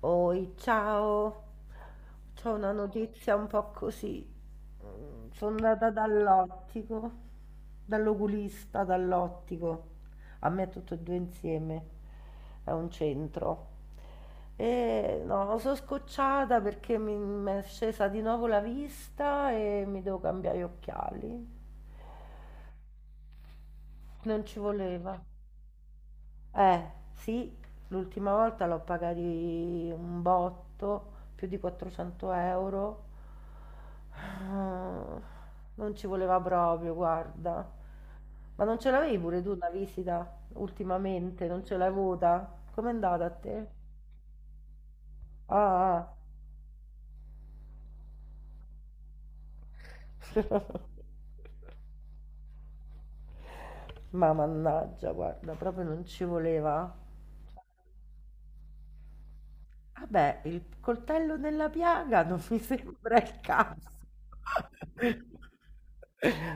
Oi, ciao, c'ho una notizia un po' così. Sono andata dall'ottico, dall'oculista, dall'ottico, a me tutto e due insieme, è un centro. E no, sono scocciata perché mi è scesa di nuovo la vista e mi devo cambiare gli occhiali. Non ci voleva. Sì, l'ultima volta l'ho pagati un botto, più di 400 euro. Ah, non ci voleva proprio, guarda. Ma non ce l'avevi pure tu una visita ultimamente? Non ce l'hai avuta? Com'è andata a te? Ah, ah. Ma mannaggia, guarda, proprio non ci voleva. Vabbè, il coltello nella piaga non mi sembra il caso.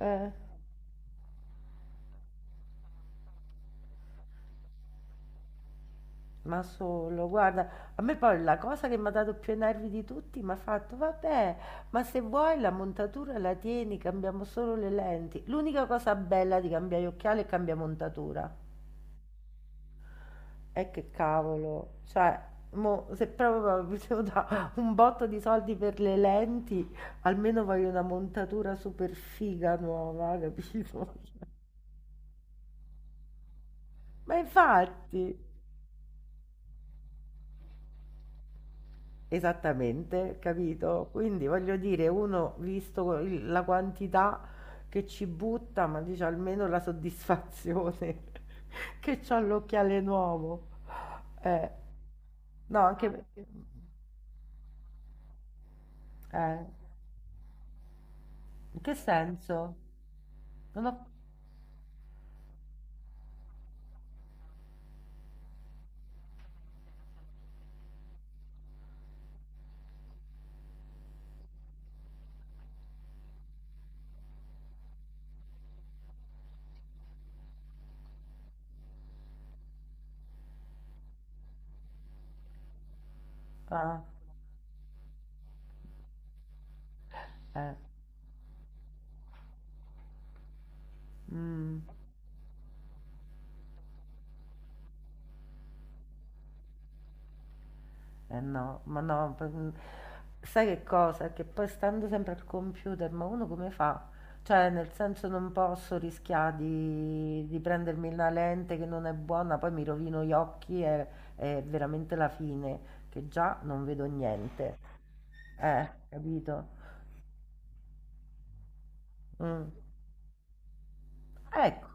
Eh, ma solo, guarda, a me poi la cosa che mi ha dato più i nervi di tutti mi ha fatto, vabbè, ma se vuoi la montatura la tieni, cambiamo solo le lenti. L'unica cosa bella di cambiare occhiali è cambiare montatura. E che cavolo, cioè, mo, se proprio mi devo dare un botto di soldi per le lenti, almeno voglio una montatura super figa nuova, capito? Ma infatti... Esattamente, capito? Quindi voglio dire, uno visto la quantità che ci butta, ma dice almeno la soddisfazione che c'ho l'occhiale nuovo. Eh, no, anche perché... eh, in che senso? Non ho... Ah, eh, mm. Eh no, ma no, p mhmm, sai che cosa? Che poi stando sempre al computer, ma uno come fa? Cioè, nel senso non posso rischià di prendermi una lente che non è buona, poi mi rovino gli occhi e è veramente la fine, che già non vedo niente. Capito? Mh. Ecco.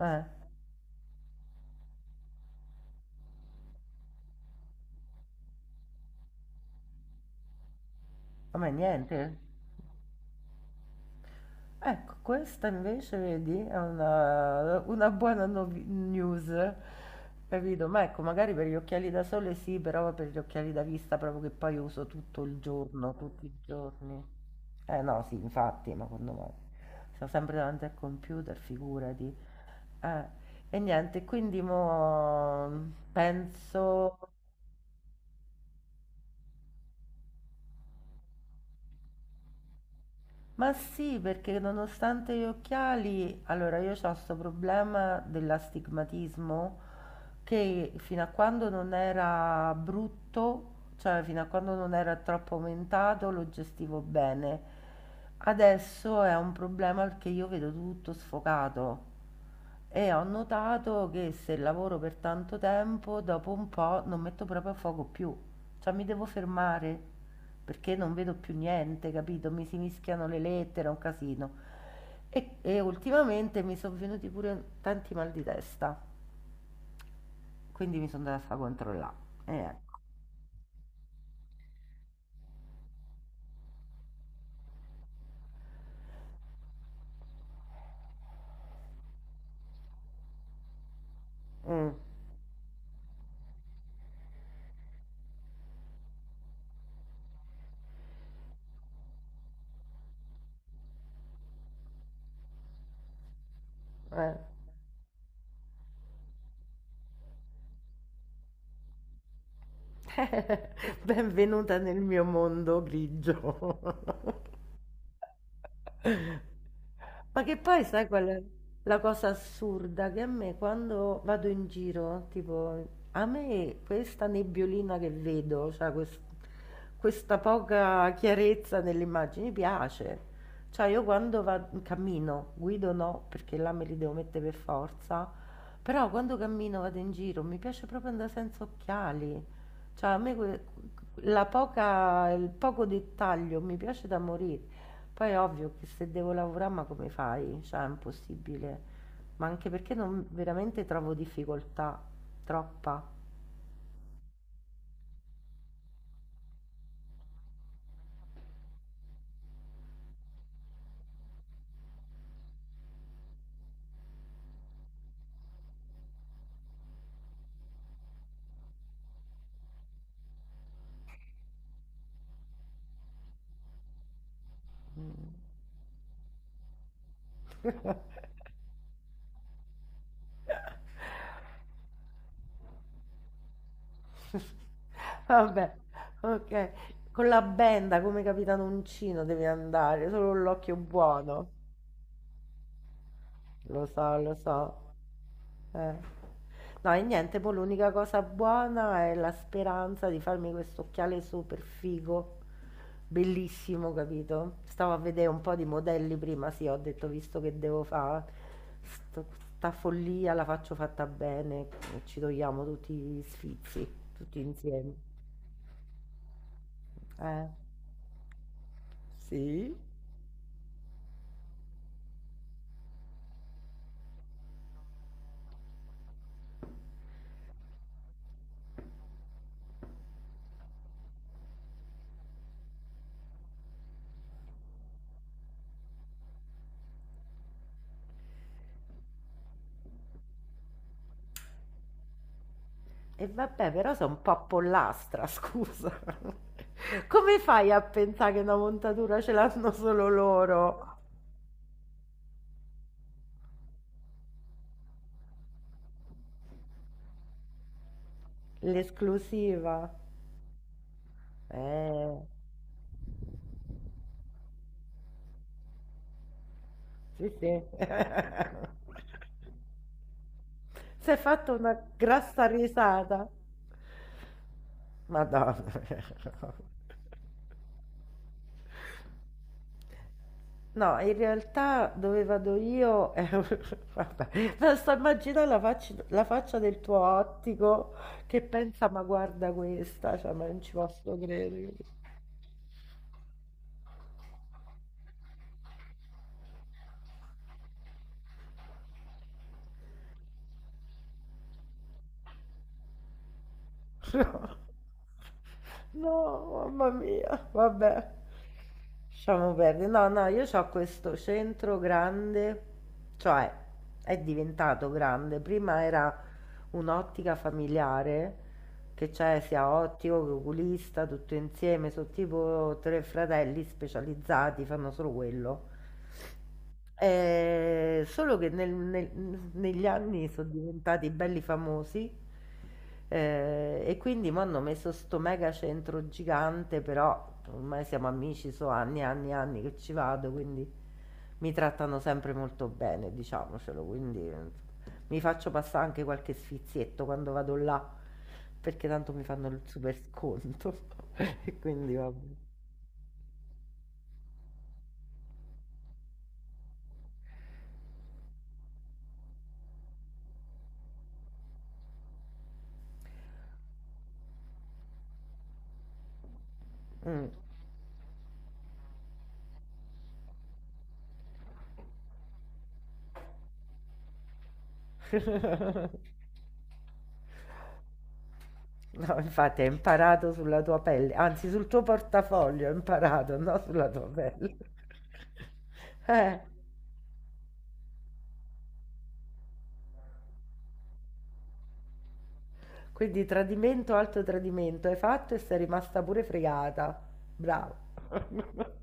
Eh. A me niente? Ecco, questa invece vedi, è una buona novi news, capito? Ma ecco, magari per gli occhiali da sole sì, però per gli occhiali da vista proprio che poi uso tutto il giorno, tutti i giorni. Eh no, sì, infatti, ma quando mai? Sto sempre davanti al computer, figurati. Eh, e niente, quindi mo penso. Ma sì, perché nonostante gli occhiali, allora io ho questo problema dell'astigmatismo che fino a quando non era brutto, cioè fino a quando non era troppo aumentato, lo gestivo bene. Adesso è un problema perché io vedo tutto sfocato. E ho notato che se lavoro per tanto tempo, dopo un po' non metto proprio a fuoco più. Cioè mi devo fermare perché non vedo più niente, capito? Mi si mischiano le lettere, è un casino. E ultimamente mi sono venuti pure tanti mal di testa, quindi mi sono andata a fare controllare. E ecco. Mm, eh. Benvenuta nel mio mondo grigio. Ma che poi sai qual è la cosa assurda? Che a me quando vado in giro, tipo, a me questa nebbiolina che vedo, cioè questa poca chiarezza nelle immagini piace. Cioè io quando vado, cammino, guido no, perché là me li devo mettere per forza, però quando cammino vado in giro mi piace proprio andare senza occhiali. Cioè la poca, il poco dettaglio mi piace da morire. Poi è ovvio che se devo lavorare, ma come fai? Cioè, è impossibile. Ma anche perché non veramente trovo difficoltà, troppa. Mm. Vabbè, ok. Con la benda come Capitanuncino devi andare, solo l'occhio buono. Lo so, lo so. Eh. No e niente, poi l'unica cosa buona è la speranza di farmi questo occhiale super figo, bellissimo, capito? Stavo a vedere un po' di modelli prima, sì, ho detto visto che devo fare sta follia, la faccio fatta bene, e ci togliamo tutti gli sfizi, tutti insieme. Eh, sì. E vabbè, però sei un po' pollastra, scusa. Come fai a pensare che una montatura ce l'hanno solo loro? L'esclusiva? Eh, sì, sì. Si è fatta una grassa risata. Madonna. No, in realtà dove vado io, vabbè, basta immaginare la faccia del tuo ottico che pensa, ma guarda questa, cioè, ma non ci posso credere. No, mamma mia, vabbè, lasciamo perdere. No, no, io ho questo centro grande, cioè è diventato grande. Prima era un'ottica familiare, che c'è sia ottico che oculista, tutto insieme, sono tipo tre fratelli specializzati, fanno solo quello. Solo che nel nel n negli anni son diventati belli famosi, e quindi m'hanno messo 'sto mega centro gigante, però ormai siamo amici, so' anni e anni e anni che ci vado, quindi mi trattano sempre molto bene, diciamocelo, quindi mi faccio passà anche qualche sfizietto quando vado là, perché tanto mi fanno il super sconto e quindi vabbè. Mh. No, infatti hai imparato sulla tua pelle, anzi sul tuo portafoglio hai imparato, no sulla tua pelle. Eh, quindi tradimento, alto tradimento, hai fatto e sei rimasta pure fregata. Bravo.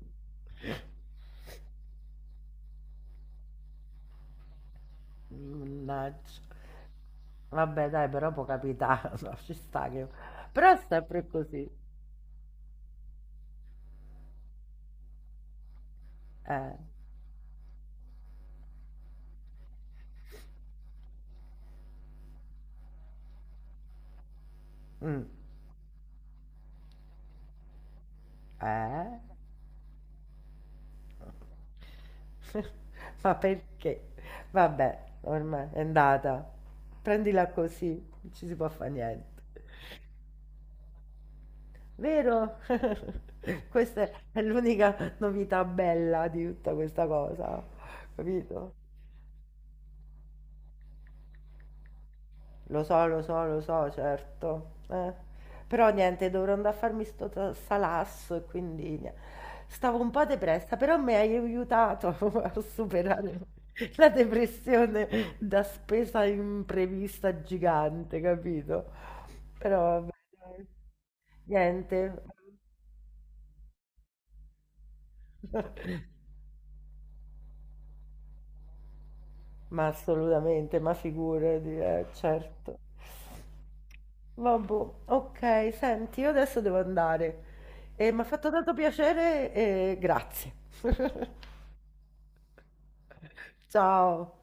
Mannaggia. Vabbè, dai, però può capitare, no, ci sta che... Però è sempre così. Eh. Mm, eh. Ma perché? Vabbè, ormai è andata. Prendila così, non ci si può fare niente. Vero? Questa è l'unica novità bella di tutta questa cosa, capito? Lo so, lo so, lo so, certo. Però niente, dovrò andare a farmi salasso e quindi stavo un po' depressa, però mi hai aiutato a superare la depressione da spesa imprevista gigante, capito? Però vabbè, dai, niente. Ma assolutamente, ma figurati, certo. Vabbò, ok, senti, io adesso devo andare. Mi ha fatto tanto piacere e grazie. Ciao.